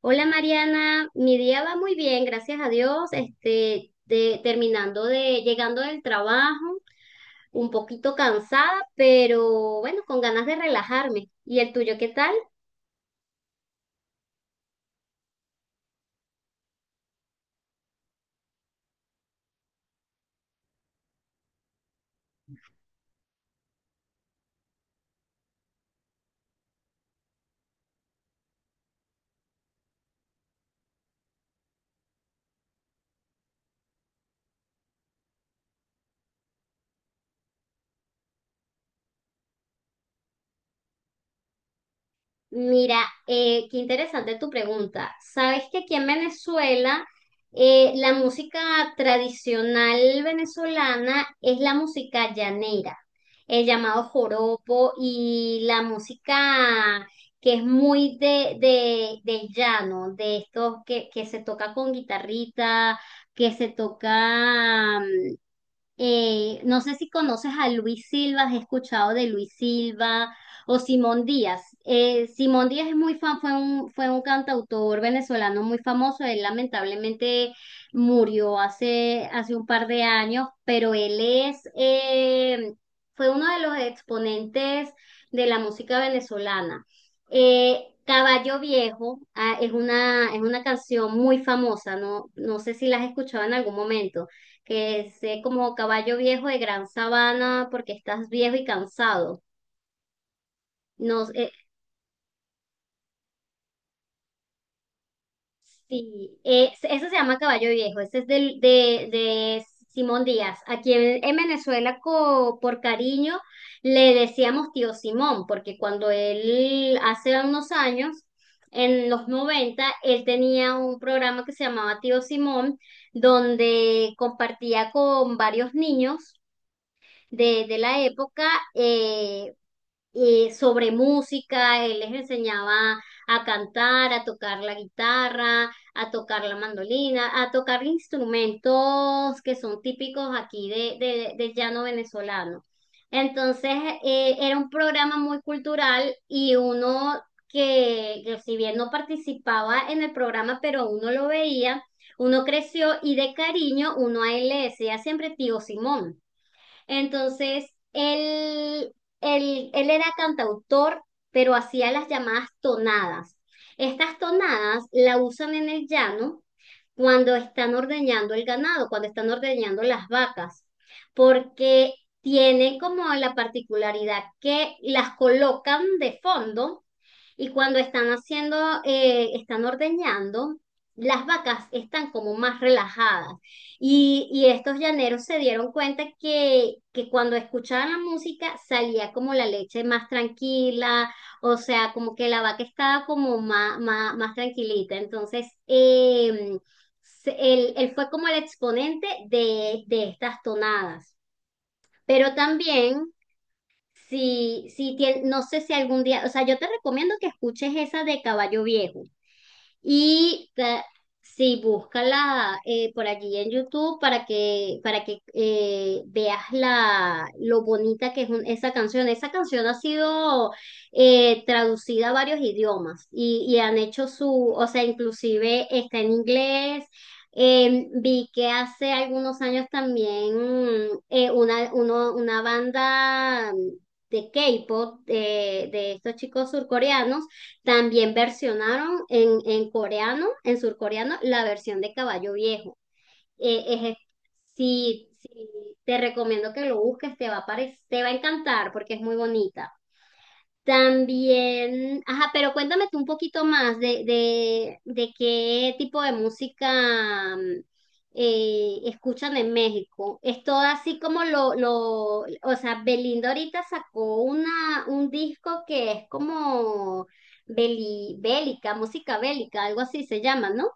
Hola Mariana, mi día va muy bien, gracias a Dios. Llegando del trabajo, un poquito cansada, pero bueno, con ganas de relajarme. ¿Y el tuyo qué tal? Mira, qué interesante tu pregunta. Sabes que aquí en Venezuela la música tradicional venezolana es la música llanera, el llamado joropo y la música que es muy del llano, de estos que se toca con guitarrita, que se toca no sé si conoces a Luis Silva, has escuchado de Luis Silva o Simón Díaz. Simón Díaz fue un cantautor venezolano muy famoso. Él lamentablemente murió hace un par de años, pero él fue uno de los exponentes de la música venezolana. Caballo Viejo, es una canción muy famosa, no, no sé si la has escuchado en algún momento que sé como caballo viejo de gran sabana porque estás viejo y cansado. No, sí, ese se llama caballo viejo, ese es de Simón Díaz. Aquí en Venezuela, por cariño, le decíamos tío Simón, porque cuando él, hace unos años, en los 90 él tenía un programa que se llamaba Tío Simón, donde compartía con varios niños de la época eh, sobre música, él les enseñaba a cantar, a tocar la guitarra, a tocar la mandolina, a tocar instrumentos que son típicos aquí del llano venezolano. Entonces, era un programa muy cultural y uno que si bien no participaba en el programa, pero uno lo veía, uno creció y de cariño uno a él le decía siempre tío Simón. Entonces, él, él era cantautor, pero hacía las llamadas tonadas. Estas tonadas la usan en el llano cuando están ordeñando el ganado, cuando están ordeñando las vacas, porque tienen como la particularidad que las colocan de fondo y cuando están ordeñando, las vacas están como más relajadas. Y estos llaneros se dieron cuenta que cuando escuchaban la música salía como la leche más tranquila, o sea, como que la vaca estaba como más tranquilita. Entonces, él fue como el exponente de estas tonadas. Pero también, no sé si algún día, o sea, yo te recomiendo que escuches esa de Caballo Viejo. Y sí, búscala por allí en YouTube para que, veas lo bonita que es esa canción. Esa canción ha sido traducida a varios idiomas y o sea, inclusive está en inglés. Vi que hace algunos años también una banda de K-pop, de estos chicos surcoreanos, también versionaron en coreano, en surcoreano, la versión de Caballo Viejo. Eh, es- sí, sí, te recomiendo que lo busques, te va a encantar porque es muy bonita. También, ajá, pero cuéntame tú un poquito más de qué tipo de música escuchan en México. Es todo así como o sea, Belinda ahorita sacó un disco que es como bélica, música bélica, algo así se llama, ¿no?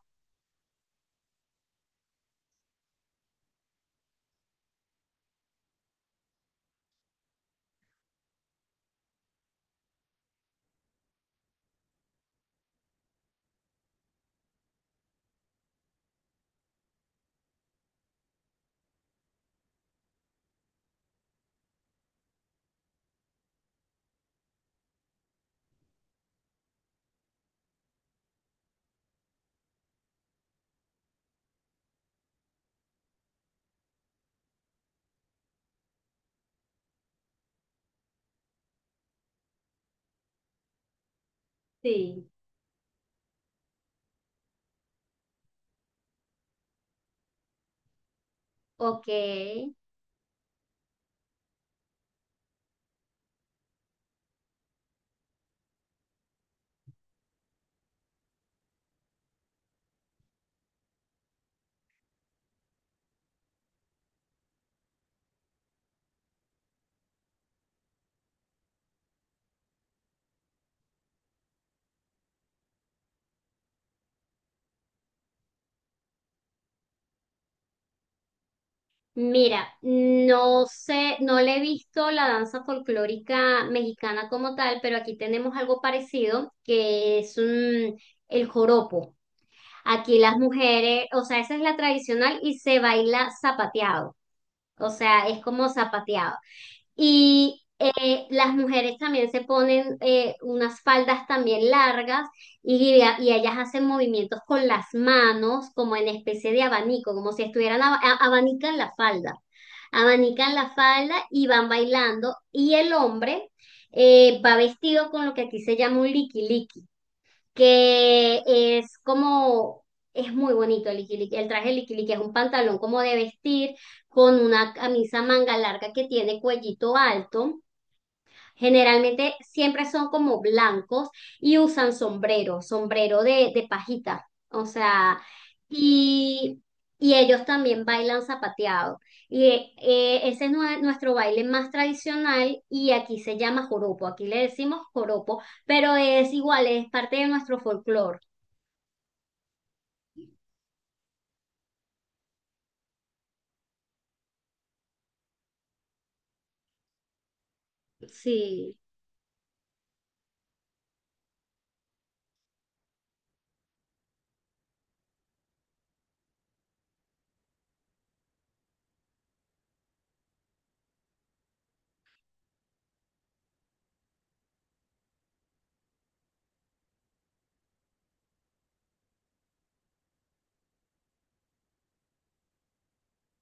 Sí. Ok, Mira, no sé, no le he visto la danza folclórica mexicana como tal, pero aquí tenemos algo parecido que es el joropo. Aquí las mujeres, o sea, esa es la tradicional y se baila zapateado, o sea, es como zapateado. Y las mujeres también se ponen unas faldas también largas y, y ellas hacen movimientos con las manos como en especie de abanico, como si estuvieran abanican la falda. Abanican la falda y van bailando y el hombre va vestido con lo que aquí se llama un liquiliqui que es como, es muy bonito el liquiliqui, el traje liquiliqui es un pantalón como de vestir con una camisa manga larga que tiene cuellito alto. Generalmente siempre son como blancos y usan sombrero, sombrero de pajita. O sea, y, y ellos también bailan zapateado. Y nuestro baile más tradicional y aquí se llama joropo. Aquí le decimos joropo, pero es igual, es parte de nuestro folclore. Sí.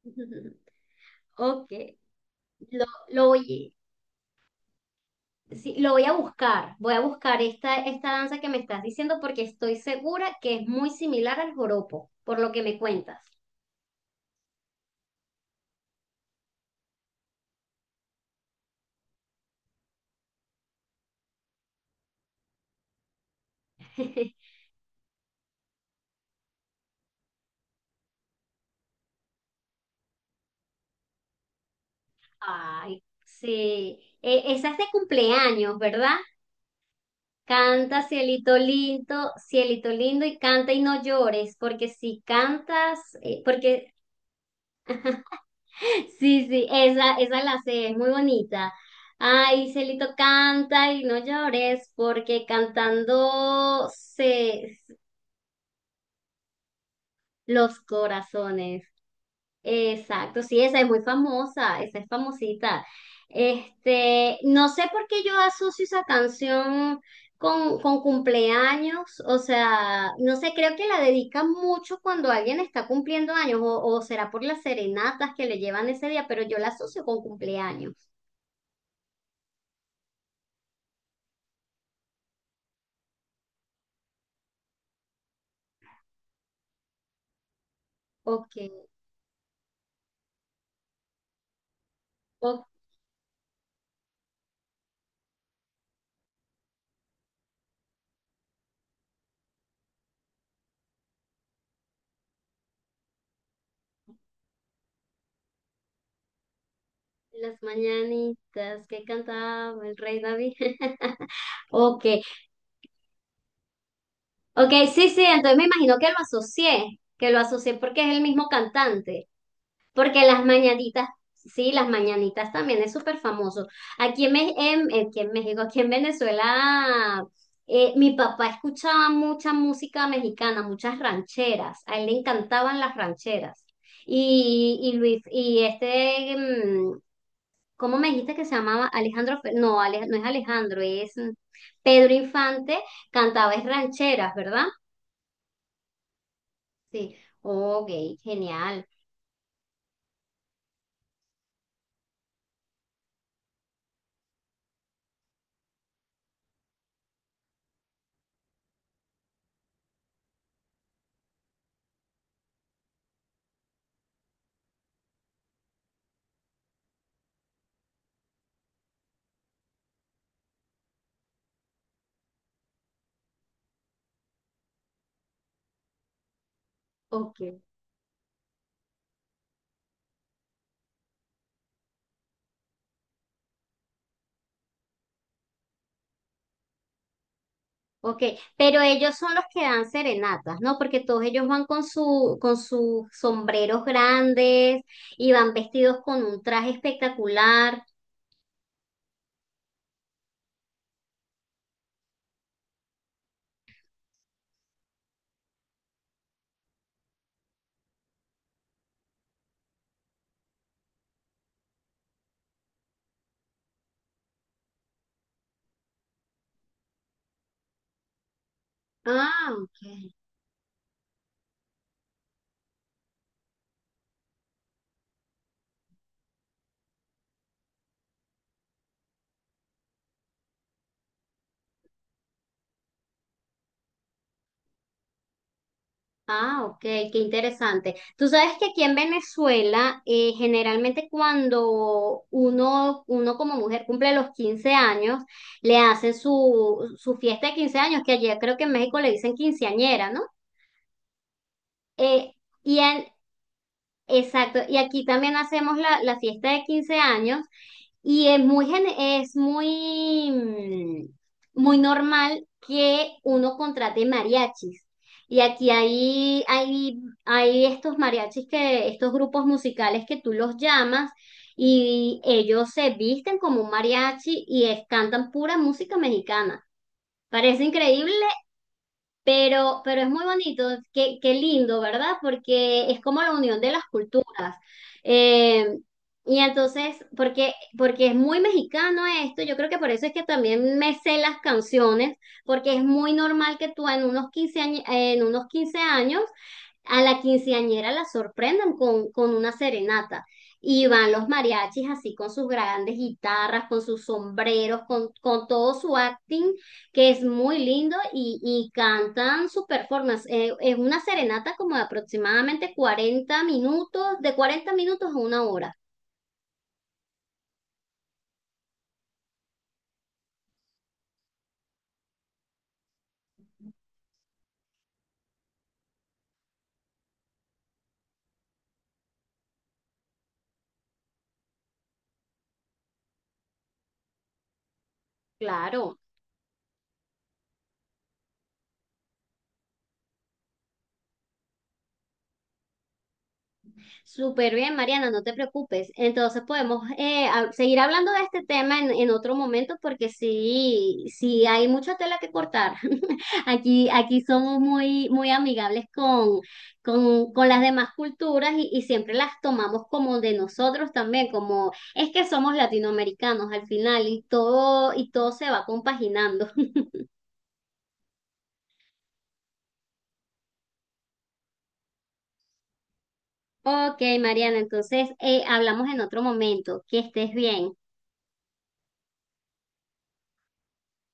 Ok. Lo, lo voy. Sí, lo voy a buscar esta danza que me estás diciendo porque estoy segura que es muy similar al joropo, por lo que me cuentas. Ay, sí, esa es de cumpleaños, ¿verdad? Canta, cielito lindo y canta y no llores, porque si cantas, porque Sí, sí, esa la sé, es muy bonita. Ay, Celito canta y no llores, porque cantando se, Los corazones. Exacto, sí, esa es muy famosa, esa es famosita. No sé por qué yo asocio esa canción con cumpleaños, o sea, no sé, creo que la dedican mucho cuando alguien está cumpliendo años, o será por las serenatas que le llevan ese día, pero yo la asocio con cumpleaños. Ok, o las mañanitas que cantaba el rey David. Ok, Ok, sí, sí, entonces me imagino que lo asocié porque es el mismo cantante, porque las mañanitas, sí, las mañanitas también es súper famoso. Aquí en México, aquí en Venezuela, mi papá escuchaba mucha música mexicana, muchas rancheras, a él le encantaban las rancheras. Y Luis, ¿cómo me dijiste que se llamaba? Alejandro, no es Alejandro, es Pedro Infante, cantaba es rancheras, ¿verdad? Sí, ok, genial. Ok, ok. Pero ellos son los que dan serenatas, ¿no? Porque todos ellos van con su, con sus sombreros grandes y van vestidos con un traje espectacular. Ah, ok. Ah, ok, qué interesante. Tú sabes que aquí en Venezuela, generalmente cuando uno como mujer cumple los 15 años, le hacen su fiesta de 15 años, que allá creo que en México le dicen quinceañera, ¿no? Eh, y en, Exacto, y aquí también hacemos la fiesta de 15 años y es muy, muy normal que uno contrate mariachis. Y aquí hay, hay estos mariachis estos grupos musicales que tú los llamas y ellos se visten como un mariachi y cantan pura música mexicana. Parece increíble pero es muy bonito, qué lindo, ¿verdad? Porque es como la unión de las culturas. Eh, y entonces, porque es muy mexicano esto, yo creo que por eso es que también me sé las canciones, porque es muy normal que tú en unos quince años a la quinceañera la sorprendan con una serenata. Y van los mariachis así con sus grandes guitarras, con sus sombreros, con, todo su acting, que es muy lindo, y cantan su performance. Es una serenata como de aproximadamente 40 minutos, de 40 minutos a una hora. Claro. Súper bien, Mariana, no te preocupes. Entonces podemos seguir hablando de este tema en otro momento porque sí, sí hay mucha tela que cortar. Aquí somos muy, muy amigables con las demás culturas y siempre las tomamos como de nosotros también, como es que somos latinoamericanos al final y todo se va compaginando. Ok, Mariana, entonces hablamos en otro momento. Que estés bien.